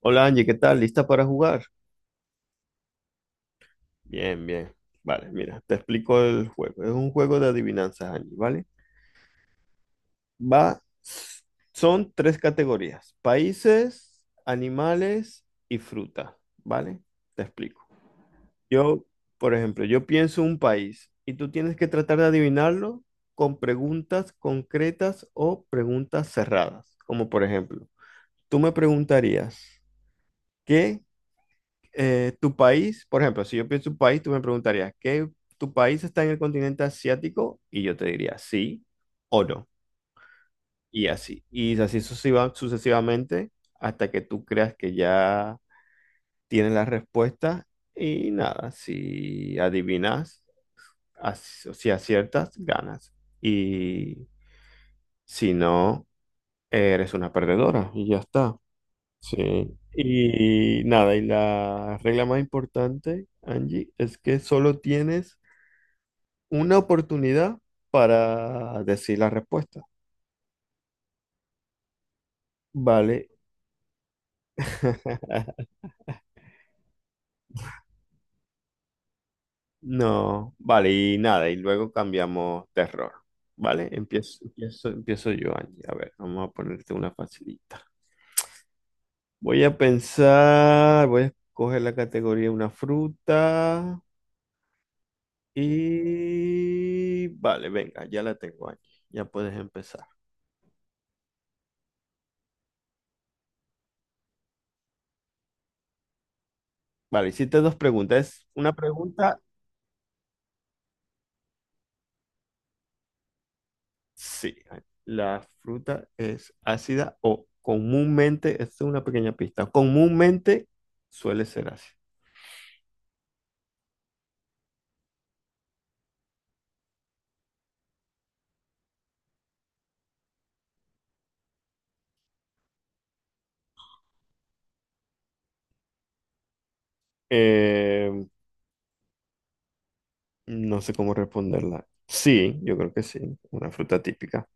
Hola Angie, ¿qué tal? ¿Lista para jugar? Bien, bien. Vale, mira, te explico el juego. Es un juego de adivinanzas, Angie, ¿vale? Va, son tres categorías: países, animales y fruta, ¿vale? Te explico. Yo, por ejemplo, yo pienso un país y tú tienes que tratar de adivinarlo con preguntas concretas o preguntas cerradas. Como por ejemplo, tú me preguntarías, ¿qué tu país? Por ejemplo, si yo pienso en tu país, tú me preguntarías, ¿qué, tu país está en el continente asiático? Y yo te diría sí o no. Y así. Y así sucesivamente hasta que tú creas que ya tienes la respuesta. Y nada, si adivinas, si aciertas, ganas. Y si no, eres una perdedora. Y ya está. Sí. Y nada, y la regla más importante, Angie, es que solo tienes una oportunidad para decir la respuesta. Vale. No, vale, y nada, y luego cambiamos de error. Vale, empiezo yo, Angie. A ver, vamos a ponerte una facilita. Voy a pensar, voy a escoger la categoría: una fruta y... Vale, venga, ya la tengo, Angie. Ya puedes empezar. Vale, hiciste dos preguntas. Es una pregunta. Sí, la fruta es ácida o, comúnmente, esta es una pequeña pista, comúnmente suele ser ácida. Eh, no sé cómo responderla. Sí, yo creo que sí, una fruta típica.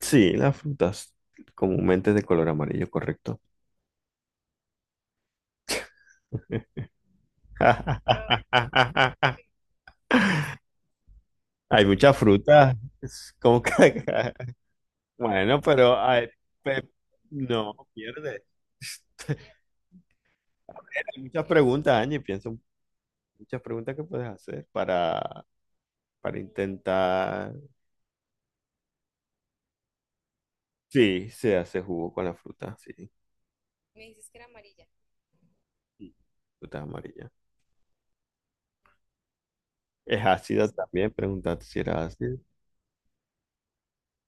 Sí, las frutas comúnmente de color amarillo, correcto. Hay muchas frutas, es como que- Bueno, pero hay- pe- no, pierde. A ver, hay muchas preguntas, Angie, piensa un... muchas preguntas que puedes hacer para intentar. Sí, se hace jugo con la fruta, sí. Sí. Fruta amarilla. Es ácida también, preguntaste si era ácida.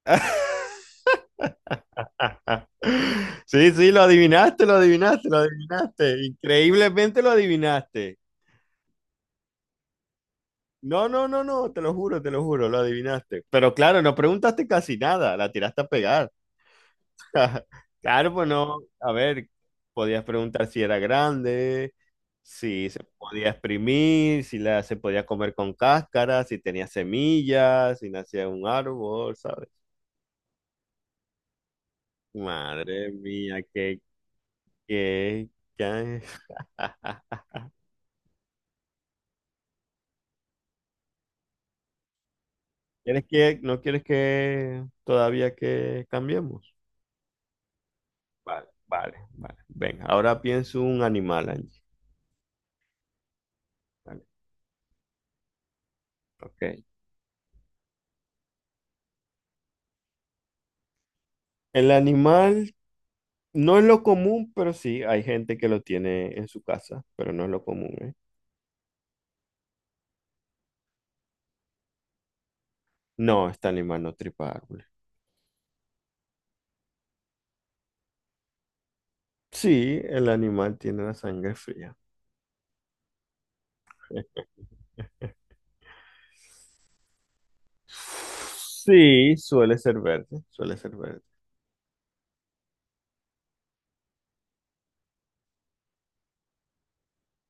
Sí, sí, lo adivinaste, lo adivinaste, lo adivinaste. Increíblemente lo adivinaste. No, no, no, no, te lo juro, lo adivinaste. Pero claro, no preguntaste casi nada, la tiraste a pegar. Claro, pues no, a ver, podías preguntar si era grande, si se podía exprimir, si la, se podía comer con cáscara, si tenía semillas, si nacía en un árbol, ¿sabes? Madre mía, qué, qué, qué- ¿Quieres que, no quieres que todavía que cambiemos? Vale, vale, vale. Venga, ahora pienso un animal, Angie. Vale, ok. El animal no es lo común, pero sí, hay gente que lo tiene en su casa, pero no es lo común, ¿eh? No, este animal no tripa árboles. Sí, el animal tiene la sangre fría. Sí, suele ser verde, suele ser verde.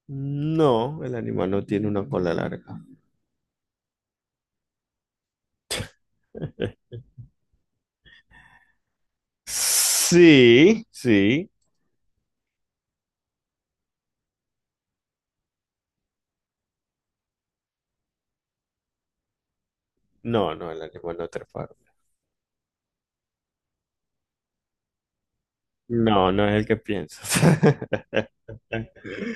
No, el animal no tiene una cola larga. Sí, sí. No, no, el animal no trepa árboles. No, no es el que piensas.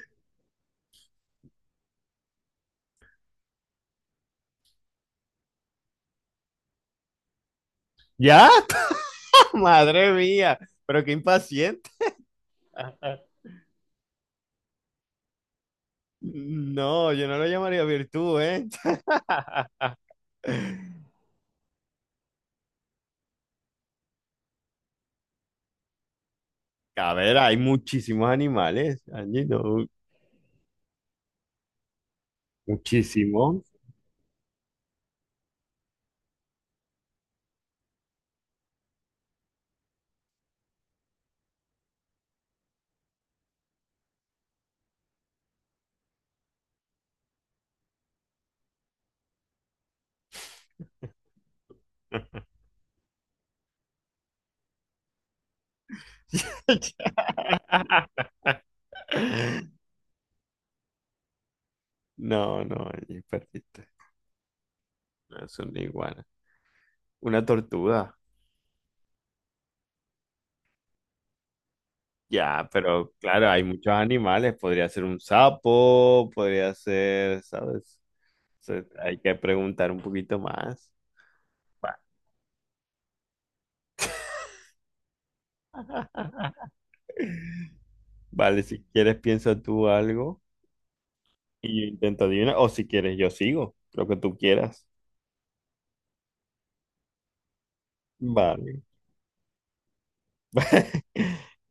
¿Ya? Madre mía, pero qué impaciente. No, yo no lo llamaría virtud, ¿eh? A ver, hay muchísimos animales, Angie, no, muchísimos. No, no, Angie, perdiste. No es una iguana. Una tortuga. Ya, pero claro, hay muchos animales. Podría ser un sapo, podría ser, ¿sabes? Se- hay que preguntar un poquito más. Va. Vale, si quieres piensa tú algo. Y yo intento adivinar, o si quieres, yo sigo, lo que tú quieras. Vale.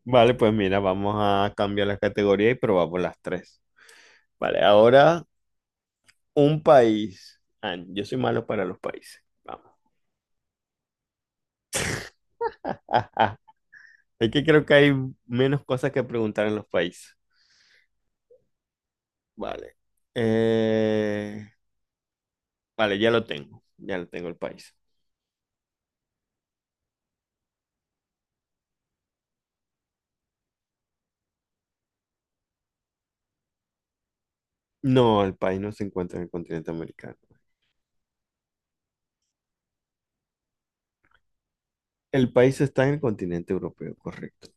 Vale, pues mira, vamos a cambiar la categoría y probamos las tres. Vale, ahora un país. Ah, yo soy malo para los países. Vamos. Ah, ah. Es que creo que hay menos cosas que preguntar en los países. Vale. Eh, vale, ya lo tengo. Ya lo tengo el país. No, el país no se encuentra en el continente americano. El país está en el continente europeo, correcto.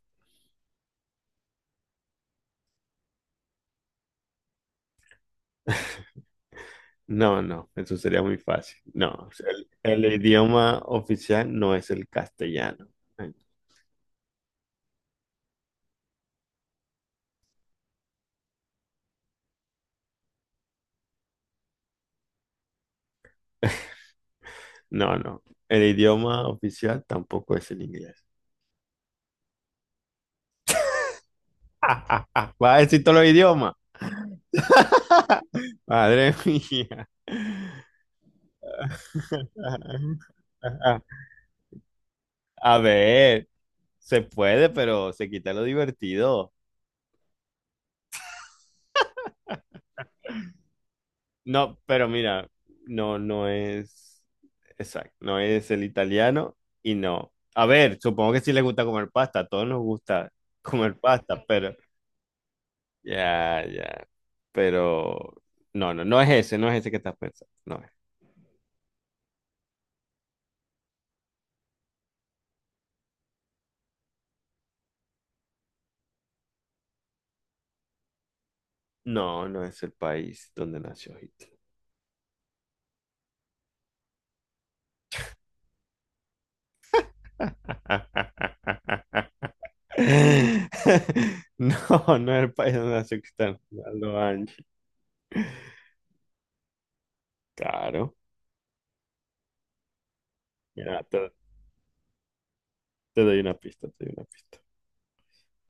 No, no, eso sería muy fácil. No, o sea, el idioma oficial no es el castellano. No, no, el idioma oficial tampoco es el inglés. Va a decir todos los idiomas. Madre mía. A ver, se puede, pero se quita lo divertido. No, pero mira, no, no es exacto, no es el italiano y no. A ver, supongo que sí les gusta comer pasta, a todos nos gusta comer pasta, pero ya, ya. Pero no, no, no es ese que estás pensando, no es. No, no es el país donde nació Hitler. No, no es el país donde nació Cristiano Ronaldo, Angie. Claro. Mira, te doy una pista, te doy una pista.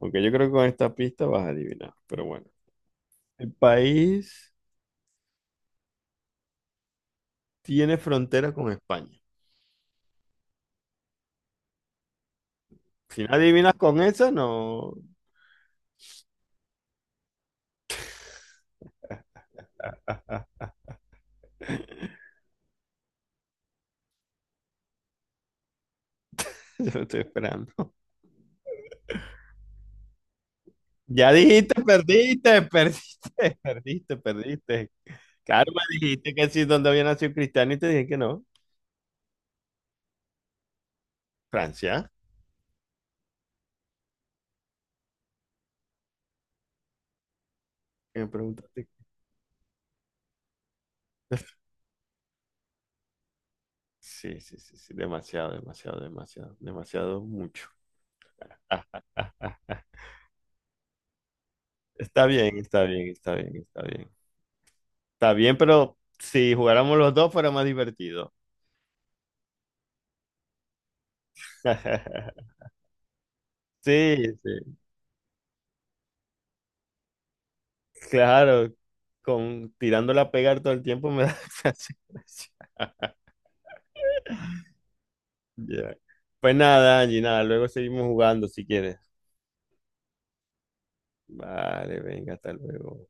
Aunque yo creo que con esta pista vas a adivinar. Pero bueno. El país tiene frontera con España. Si no adivinas con esa, no. Yo lo estoy esperando. Ya dijiste, perdiste, perdiste, perdiste, perdiste. Claro, me dijiste que sí, donde había nacido Cristiano y te dije que no. Francia. Que Me preguntaste. Sí, sí, sí, sí. Demasiado, demasiado, demasiado, demasiado mucho. Está bien, está bien, está bien, está bien. Está bien, pero si jugáramos los dos fuera más divertido. Sí, sí. Claro, con tirándola a pegar todo el tiempo me da gracia. Ya. Pues nada, Angie, nada, luego seguimos jugando si quieres. Vale, venga, hasta luego.